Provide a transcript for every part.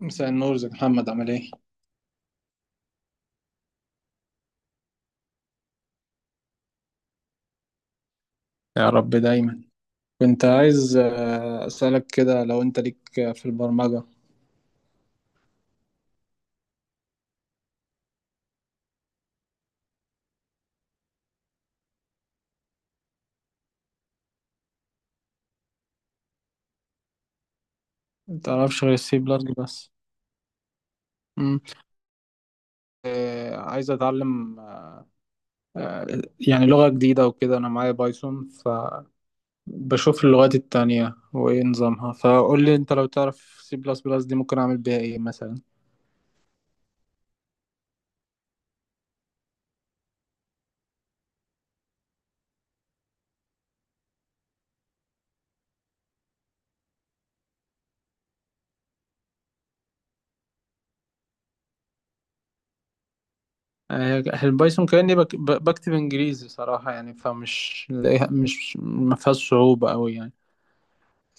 مساء النور، ازيك يا محمد؟ عامل ايه؟ يا رب دايما. كنت عايز اسألك كده لو انت ليك في البرمجة. متعرفش غير السي بلس بس؟ مم. عايز اتعلم يعني لغة جديدة وكده. انا معايا بايثون، فبشوف اللغات التانية وايه نظامها. فقول لي انت لو تعرف سي بلس بلس دي، ممكن اعمل بيها ايه مثلا؟ البايثون كأني بكتب انجليزي صراحة يعني، مش ما فيهاش صعوبة قوي يعني.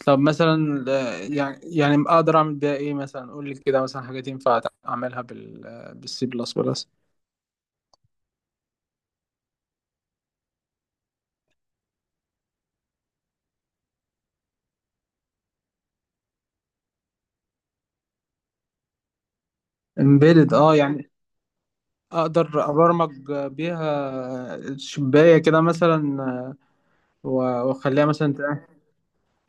طب مثلا يعني اقدر اعمل بيها ايه مثلا؟ قول لي كده مثلا، حاجات ينفع اعملها بالسي بلس بلس. امبيدد، اه يعني اقدر ابرمج بيها شباية كده مثلا، واخليها مثلا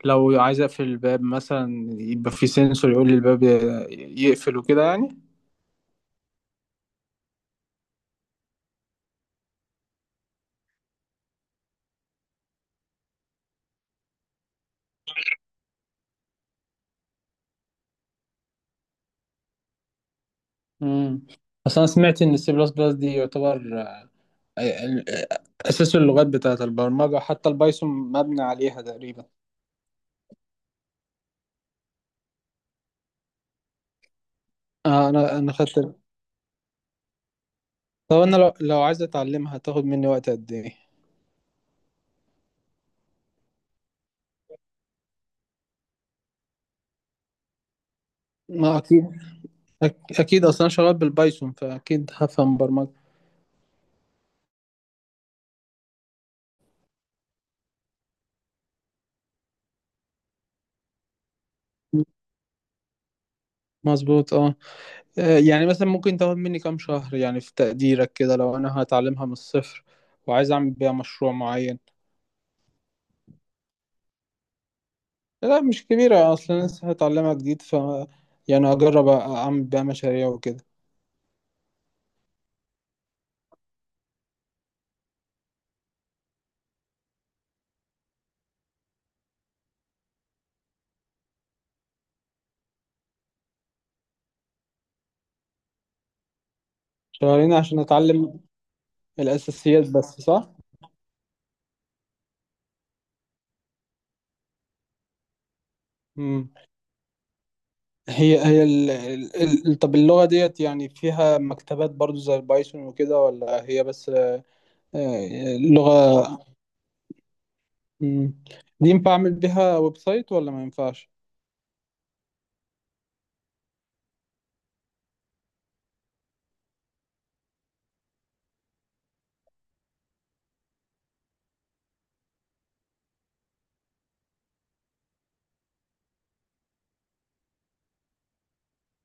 لو عايز اقفل الباب مثلا، يبقى في سنسور يقول لي الباب يقفل وكده يعني. مم. اصل انا سمعت ان السي بلس بلس دي يعتبر ال- اساس اللغات بتاعت البرمجه، حتى البايثون مبني عليها تقريبا. انا خدت. طب انا لو عايز اتعلمها، هتاخد مني وقت قد ايه؟ ما اكيد، اكيد اصلا شغال بالبايثون فاكيد هفهم برمجه. مظبوط اه. يعني مثلا ممكن تاخد مني كام شهر يعني في تقديرك كده، لو انا هتعلمها من الصفر وعايز اعمل بيها مشروع معين؟ لا مش كبيرة، اصلا لسه هتعلمها جديد، ف يعني اجرب اعمل بيها مشاريع وكده. شهرين عشان اتعلم الاساسيات بس، صح؟ مم. هي هي طب اللغة ديت يعني فيها مكتبات برضو زي البايثون وكده، ولا هي بس لغة؟ مم. دي ينفع أعمل بيها ويب سايت ولا ما ينفعش؟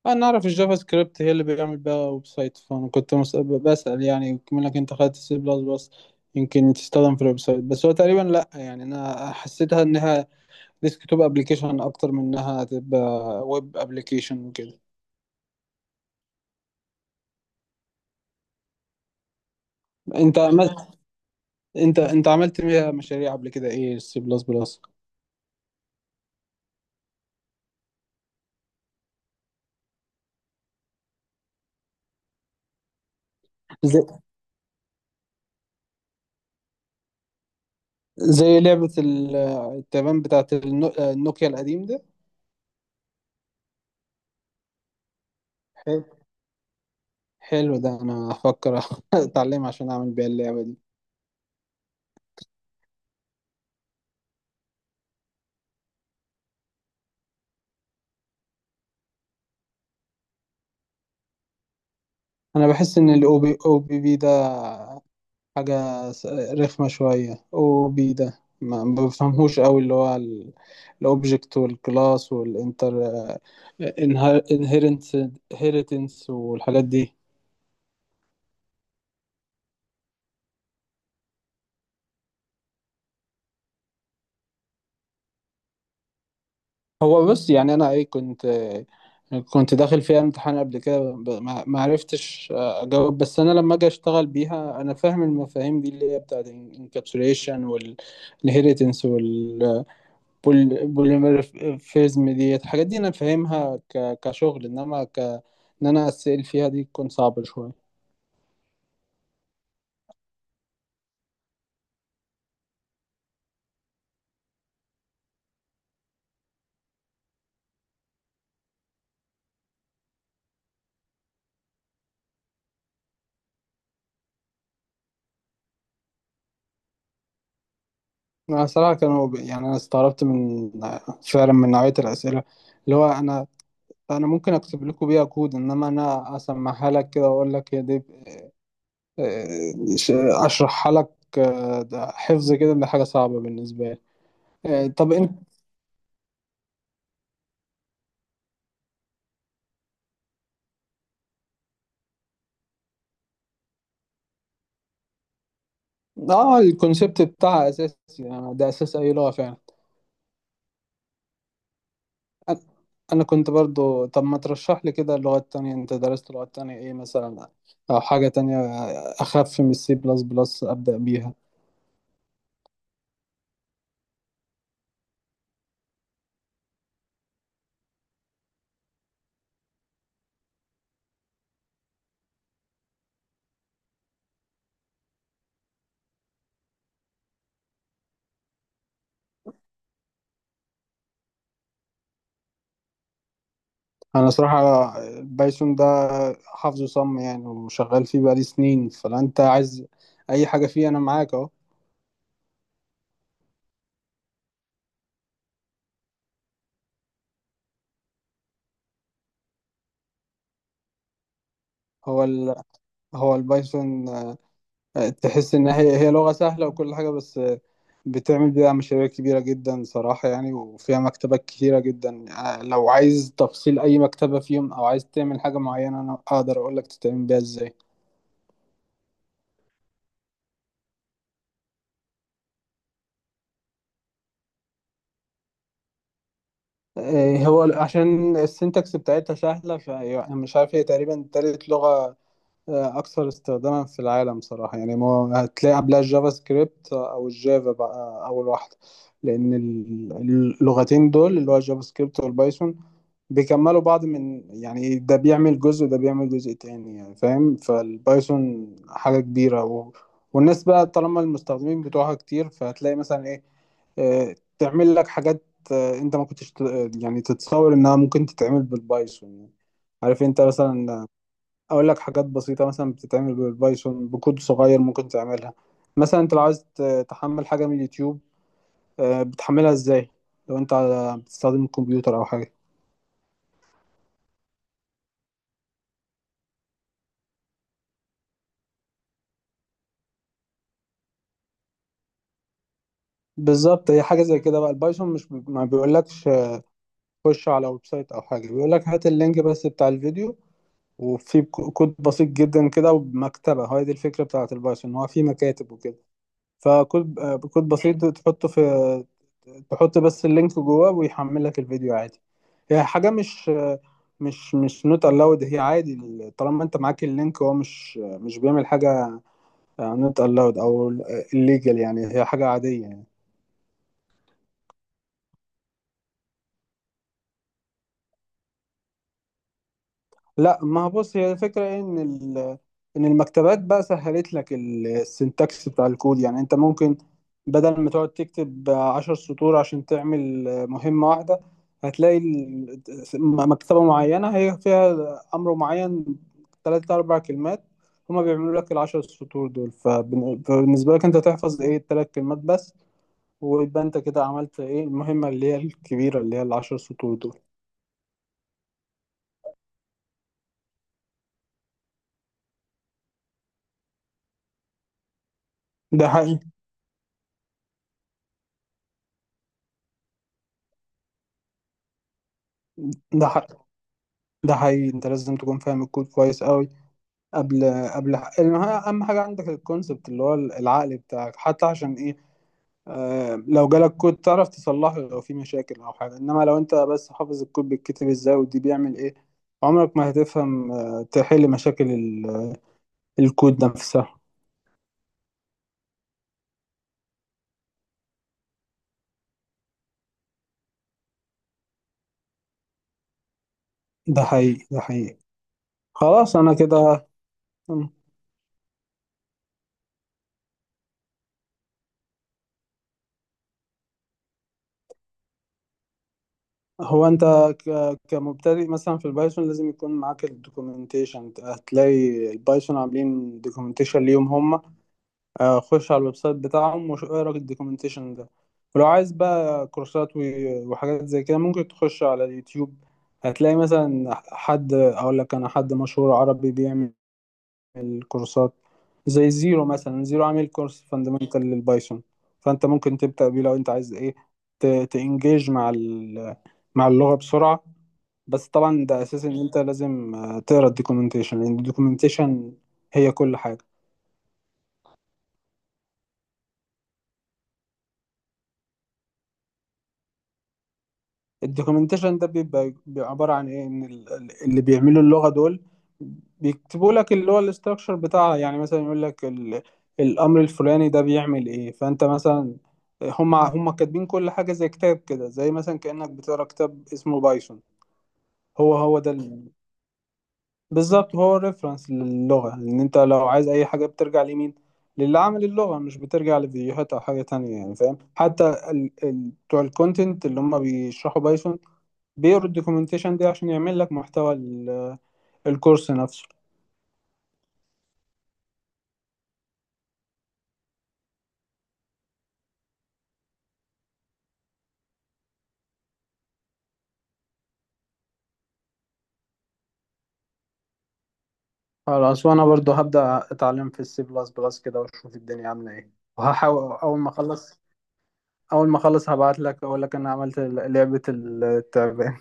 أنا أعرف الجافا سكريبت هي اللي بيعمل بيها ويب سايت، فأنا كنت بسأل يعني، كمان لك أنت خدت سي بلس بلس، يمكن تستخدم في الويب سايت. بس هو تقريبا لأ يعني، أنا حسيتها إنها ديسكتوب أبلكيشن أكتر من إنها تبقى ويب أبلكيشن وكده. أنت انت انت عملت بيها مشاريع قبل كده ايه السي بلس بلس؟ زي, زي لعبة التبان بتاعت النوكيا القديم ده. حلو. حلو، ده انا هفكر اتعلم عشان اعمل بيها اللعبة دي. انا بحس ان الاو بي او بي بي ده حاجة س- رخمة شوية، او بي ده ما بفهمهوش قوي، اللي هو الاوبجكت والكلاس انهيرنس والحاجات دي. هو بص، يعني انا ايه كنت داخل فيها امتحان قبل كده ما عرفتش اجاوب. بس انا لما اجي اشتغل بيها انا فاهم المفاهيم دي، اللي هي بتاعت الانكابسوليشن والهيريتنس والبوليمورفيزم، دي الحاجات دي انا فاهمها كشغل، انما ك ان انا اسال فيها دي تكون صعبة شوية. انا صراحة كانوا يعني انا استغربت من، فعلا من نوعية الاسئلة، اللي هو انا ممكن اكتب لكم بيها كود، انما انا اسمعها لك كده واقول لك هي دي، آه، ش- اشرحها لك، ده حفظ كده، ده حاجه صعبه بالنسبه لي. طب انت، اه الكونسيبت بتاعها اساسي، يعني ده اساس اي لغه فعلا. أ- انا كنت برضو، طب ما ترشح لي كده اللغات تانية، انت درست لغات تانية ايه مثلا، او حاجه تانية اخف من السي بلس بلس ابدا بيها؟ انا صراحه بايثون ده حافظه صم يعني، وشغال فيه بقالي سنين، فلو انت عايز اي حاجه فيه انا معاك اهو. هو ال... هو البايثون تحس ان هي هي لغه سهله وكل حاجه، بس بتعمل بيها مشاريع كبيره جدا صراحه يعني، وفيها مكتبات كتيره جدا. يعني لو عايز تفصيل اي مكتبه فيهم، او عايز تعمل حاجه معينه، انا اقدر اقول لك تتعمل بيها ازاي. إيه، هو عشان السنتكس بتاعتها سهله، فانا مش عارف، هي تقريبا تالت لغه اكثر استخداما في العالم صراحه يعني. ما هو هتلاقي قبلها الجافا سكريبت او الجافا بقى اول واحده، لان ال- اللغتين دول اللي هو الجافا سكريبت والبايثون بيكملوا بعض، من يعني ده بيعمل جزء وده بيعمل جزء تاني، يعني فاهم. فالبايثون حاجة كبيرة، و... والناس بقى طالما المستخدمين بتوعها كتير، فهتلاقي مثلا ايه، تعمل لك حاجات انت ما يعني تتصور انها ممكن تتعمل بالبايثون يعني. عارف انت مثلا، اقول لك حاجات بسيطة مثلا بتتعمل بالبايثون بكود صغير ممكن تعملها. مثلا انت لو عايز تحمل حاجة من اليوتيوب، بتحملها ازاي لو انت بتستخدم الكمبيوتر او حاجة؟ بالظبط، هي حاجه زي كده بقى. البايثون مش بي... ما بيقولكش خش على ويب سايت او حاجه، بيقولك هات اللينك بس بتاع الفيديو، وفي كود بسيط جدا كده ومكتبه. هاي دي الفكره بتاعه البايثون، هو في مكاتب وكده، فكود كود بسيط تحطه في، تحط بس اللينك جواه ويحمل لك الفيديو عادي. هي حاجه مش آه، مش مش نوت الاود، هي عادي. طالما انت معاك اللينك، هو مش آه، مش بيعمل حاجه نوت الاود او الليجل، يعني هي حاجه عاديه. لا ما هو بص، هي الفكرة إن إن المكتبات بقى سهلت لك السنتكس بتاع الكود. يعني أنت ممكن بدل ما تقعد تكتب عشر سطور عشان تعمل مهمة واحدة، هتلاقي مكتبة معينة هي فيها أمر معين، تلات أربع كلمات هما بيعملوا لك العشر سطور دول. فبالنسبة لك أنت تحفظ إيه التلات كلمات بس، ويبقى أنت كده عملت إيه المهمة اللي هي الكبيرة اللي هي العشر سطور دول. ده حقيقي. ده حقيقي. ده حقيقي، انت لازم تكون فاهم الكود كويس قوي قبل قبل. المهم، اهم حاجه عندك الكونسبت اللي هو العقل بتاعك، حتى عشان ايه، لو جالك كود تعرف تصلحه لو في مشاكل او حاجه. انما لو انت بس حافظ الكود بيتكتب ازاي ودي بيعمل ايه، عمرك ما هتفهم تحل مشاكل الكود نفسها. ده حقيقي. ده حقيقي. خلاص انا كده. مم. هو انت كمبتدئ مثلا في البايثون، لازم يكون معاك الدوكيومنتيشن. هتلاقي البايثون عاملين دوكيومنتيشن ليهم هم، خش على الويب سايت بتاعهم واقرا الدوكيومنتيشن ده. ولو عايز بقى كورسات وحاجات زي كده، ممكن تخش على اليوتيوب. هتلاقي مثلا حد، اقول لك انا حد مشهور عربي بيعمل كورسات، زي زيرو مثلا. زيرو عامل كورس فاندامنتال للبايثون، فانت ممكن تبدأ بيه لو انت عايز ايه تانجيج مع مع اللغة بسرعة. بس طبعا ده اساس ان انت لازم تقرا الدوكيومنتيشن، لان الدوكيومنتيشن هي كل حاجة. الدوكيومنتيشن ده بيبقى عبارة عن ايه؟ ان اللي بيعملوا اللغة دول بيكتبوا لك اللي هو الاستراكشر بتاعها، يعني مثلا يقول لك الامر الفلاني ده بيعمل ايه. فانت مثلا، هم هم كاتبين كل حاجة زي كتاب كده، زي مثلا كأنك بتقرا كتاب اسمه بايثون. هو هو ده بالظبط، هو الريفرنس للغة، ان انت لو عايز اي حاجة بترجع لمين؟ للي عامل اللغة، مش بترجع لفيديوهات او حاجة تانية، يعني فاهم. حتى بتوع الكونتنت اللي هم بيشرحوا بايثون بيقروا الدوكيومنتيشن دي عشان يعمل لك محتوى الكورس نفسه. خلاص، وانا برضو هبدأ اتعلم في السي بلس بلس كده واشوف الدنيا عاملة ايه، وهحاول اول ما اخلص. اول ما اخلص هبعت لك اقول لك انا عملت لعبة التعبان.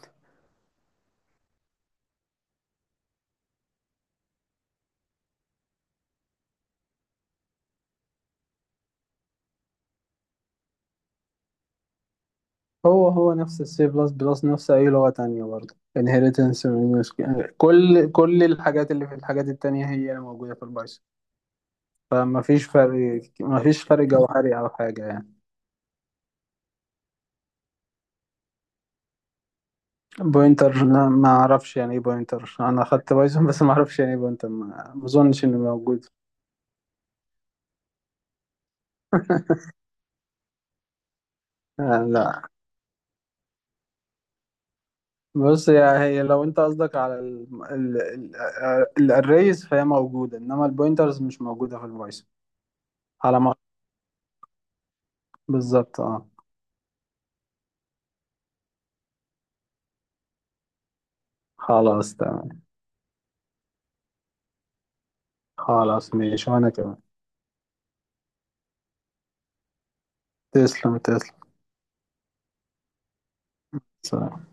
هو هو نفس السي بلس بلس، نفس اي لغة تانية برضو. inheritance كل الحاجات اللي في الحاجات التانية هي اللي موجودة في البايثون، فما فيش فرق ما فيش فرق جوهري او حاجة يعني. بوينتر، لا ما اعرفش يعني ايه بوينتر. انا اخدت بايثون بس، ما اعرفش يعني ايه بوينتر، ما اظنش انه موجود. لا، بص يا هي لو انت قصدك على ال الاريز فهي موجوده، انما البوينترز مش موجوده في البايثون. على ما بالظبط اه. خلاص تمام. خلاص ماشي وانا كمان. تسلم، تسلم. سلام.